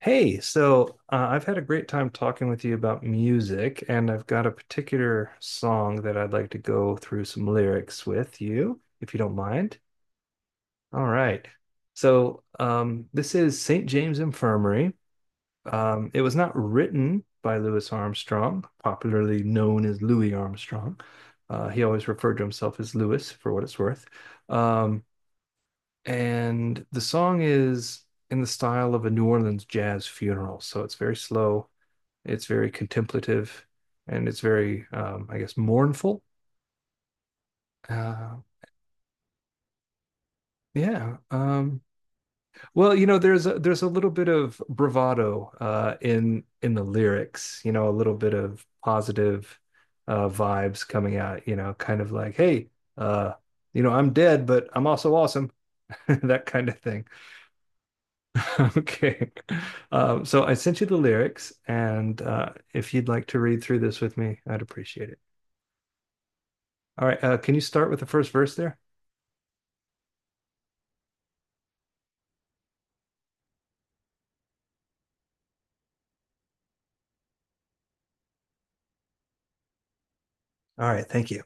Hey, so I've had a great time talking with you about music, and I've got a particular song that I'd like to go through some lyrics with you, if you don't mind. All right. So this is St. James Infirmary. It was not written by Louis Armstrong, popularly known as Louis Armstrong. He always referred to himself as Louis, for what it's worth. Um, and the song is in the style of a New Orleans jazz funeral, so it's very slow, it's very contemplative, and it's very, I guess, mournful. Uh, yeah. Well, you know, there's a little bit of bravado in the lyrics. You know, a little bit of positive vibes coming out. You know, kind of like, hey, uh, you know, I'm dead, but I'm also awesome, that kind of thing. Okay. So I sent you the lyrics, and if you'd like to read through this with me, I'd appreciate it. All right. Can you start with the first verse there? All right, thank you.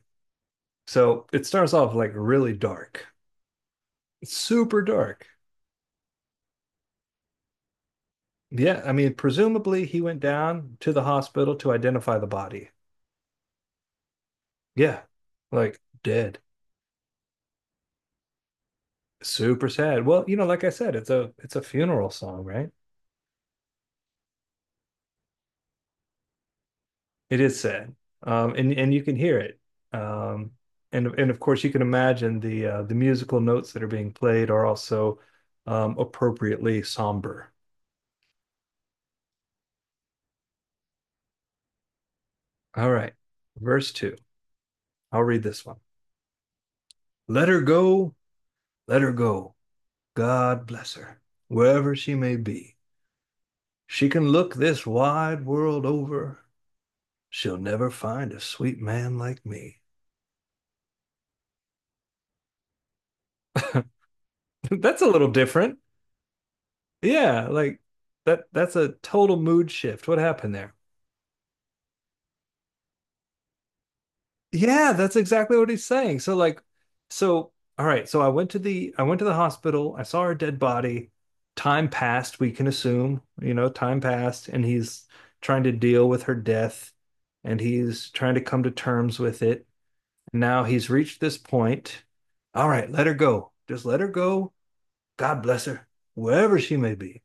So it starts off like really dark. It's super dark. Yeah, I mean, presumably he went down to the hospital to identify the body. Yeah, like dead. Super sad. Well, you know, like I said, it's a funeral song, right? It is sad. And you can hear it. Um, and of course you can imagine the musical notes that are being played are also appropriately somber. All right, verse two. I'll read this one. Let her go. Let her go. God bless her, wherever she may be. She can look this wide world over. She'll never find a sweet man like me. That's a little different. Yeah, like that's a total mood shift. What happened there? Yeah, that's exactly what he's saying. So like, so all right, so I went to the hospital, I saw her dead body. Time passed, we can assume, you know, time passed, and he's trying to deal with her death and he's trying to come to terms with it. Now he's reached this point. All right, let her go. Just let her go. God bless her, wherever she may be.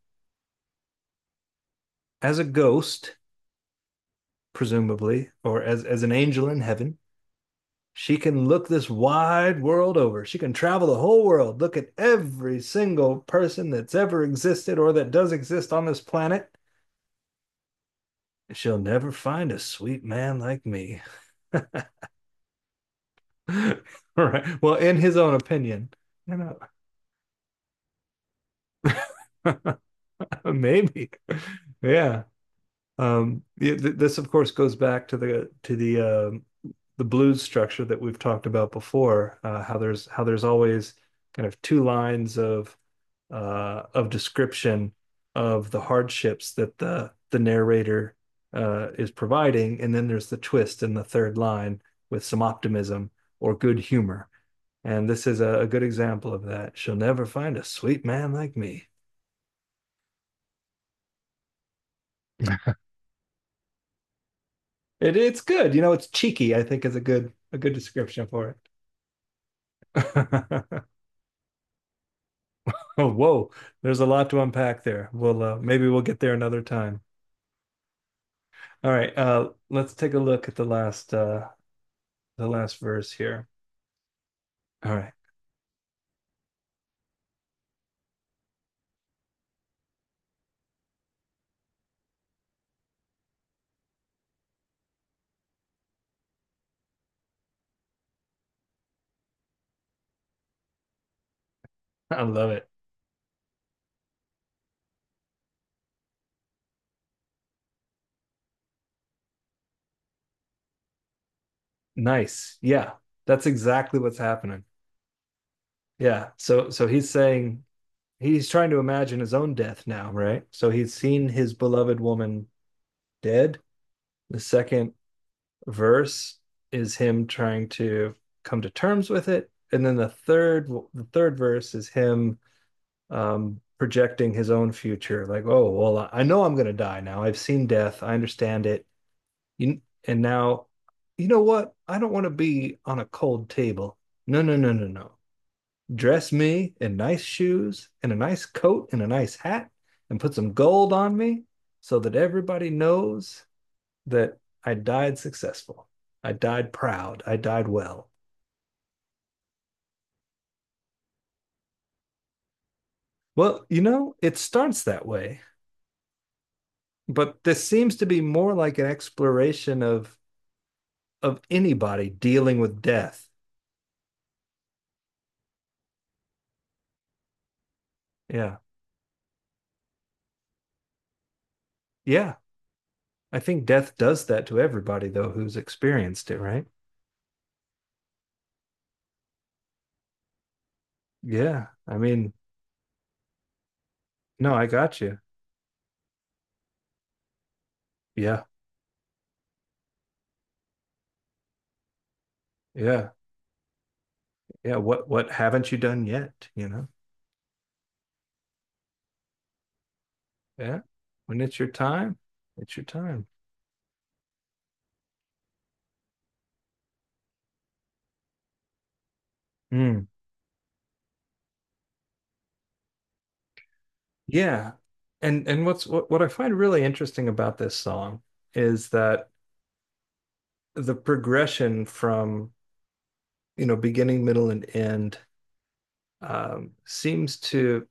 As a ghost, presumably, or as an angel in heaven. She can look this wide world over. She can travel the whole world, look at every single person that's ever existed or that does exist on this planet. She'll never find a sweet man like me. All right. Well, in his own opinion, you know, maybe. Yeah. Yeah, this, of course, goes back to the blues structure that we've talked about before. How there's always kind of two lines of description of the hardships that the narrator is providing, and then there's the twist in the third line with some optimism or good humor. And this is a good example of that. She'll never find a sweet man like me. It's good, you know. It's cheeky, I think, is a good description for it. Oh, whoa, there's a lot to unpack there. We'll maybe we'll get there another time. All right, let's take a look at the last verse here. All right. I love it. Nice. Yeah. That's exactly what's happening. Yeah. So he's saying he's trying to imagine his own death now, right? So he's seen his beloved woman dead. The second verse is him trying to come to terms with it, and then the third verse is him projecting his own future, like, oh well, I know I'm going to die now. I've seen death. I understand it. You, and now, you know what? I don't want to be on a cold table. No, no, no, no, no. Dress me in nice shoes and a nice coat and a nice hat and put some gold on me so that everybody knows that I died successful. I died proud. I died well. Well, you know, it starts that way, but this seems to be more like an exploration of anybody dealing with death. Yeah. Yeah. I think death does that to everybody though who's experienced it, right? Yeah. I mean, no, I got you. Yeah. Yeah. Yeah. What haven't you done yet? You know? Yeah. When it's your time, it's your time. Mm. Yeah. And what's what I find really interesting about this song is that the progression from you know beginning, middle, and end seems to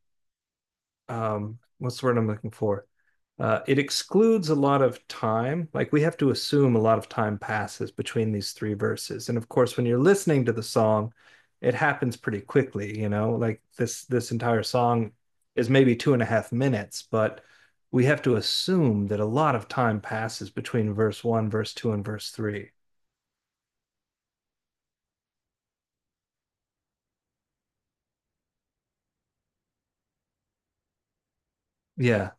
what's the word I'm looking for? It excludes a lot of time. Like we have to assume a lot of time passes between these three verses. And of course, when you're listening to the song, it happens pretty quickly, you know, like this entire song is maybe 2.5 minutes, but we have to assume that a lot of time passes between verse one, verse two, and verse three. Yeah.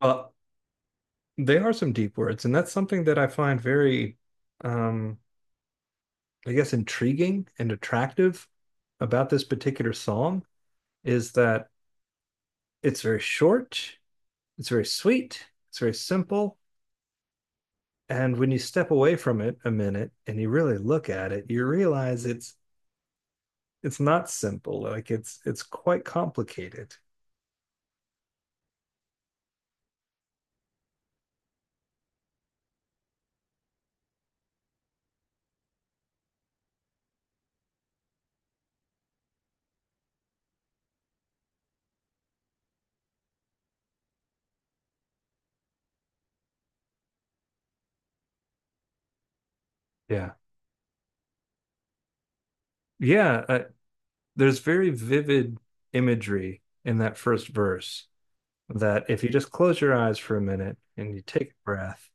Well, they are some deep words, and that's something that I find very um I guess, intriguing and attractive about this particular song is that it's very short, it's very sweet, it's very simple. And when you step away from it a minute and you really look at it, you realize it's not simple. Like it's quite complicated. Yeah, yeah. There's very vivid imagery in that first verse that if you just close your eyes for a minute and you take a breath,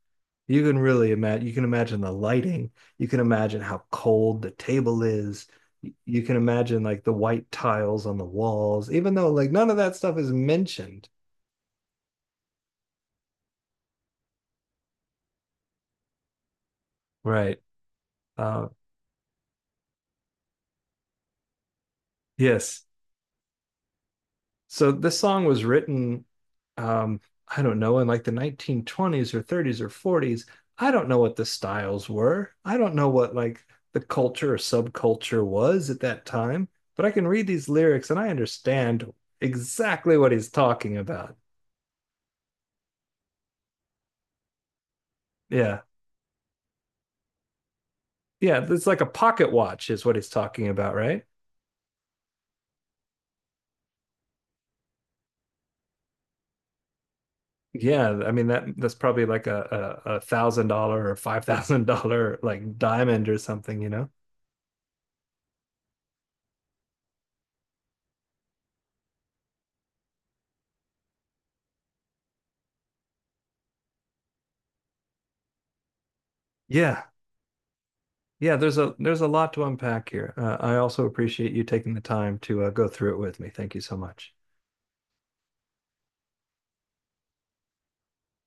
you can imagine the lighting, you can imagine how cold the table is, you can imagine like the white tiles on the walls, even though like none of that stuff is mentioned. Right. Uh, yes. So this song was written, um, I don't know, in like the 1920s or 30s or 40s. I don't know what the styles were. I don't know what like the culture or subculture was at that time, but I can read these lyrics and I understand exactly what he's talking about. Yeah. Yeah, it's like a pocket watch is what he's talking about, right? Yeah, I mean that that's probably like a thousand dollar or $5,000 like diamond or something, you know? Yeah, Yeah, there's a lot to unpack here. I also appreciate you taking the time to go through it with me. Thank you so much.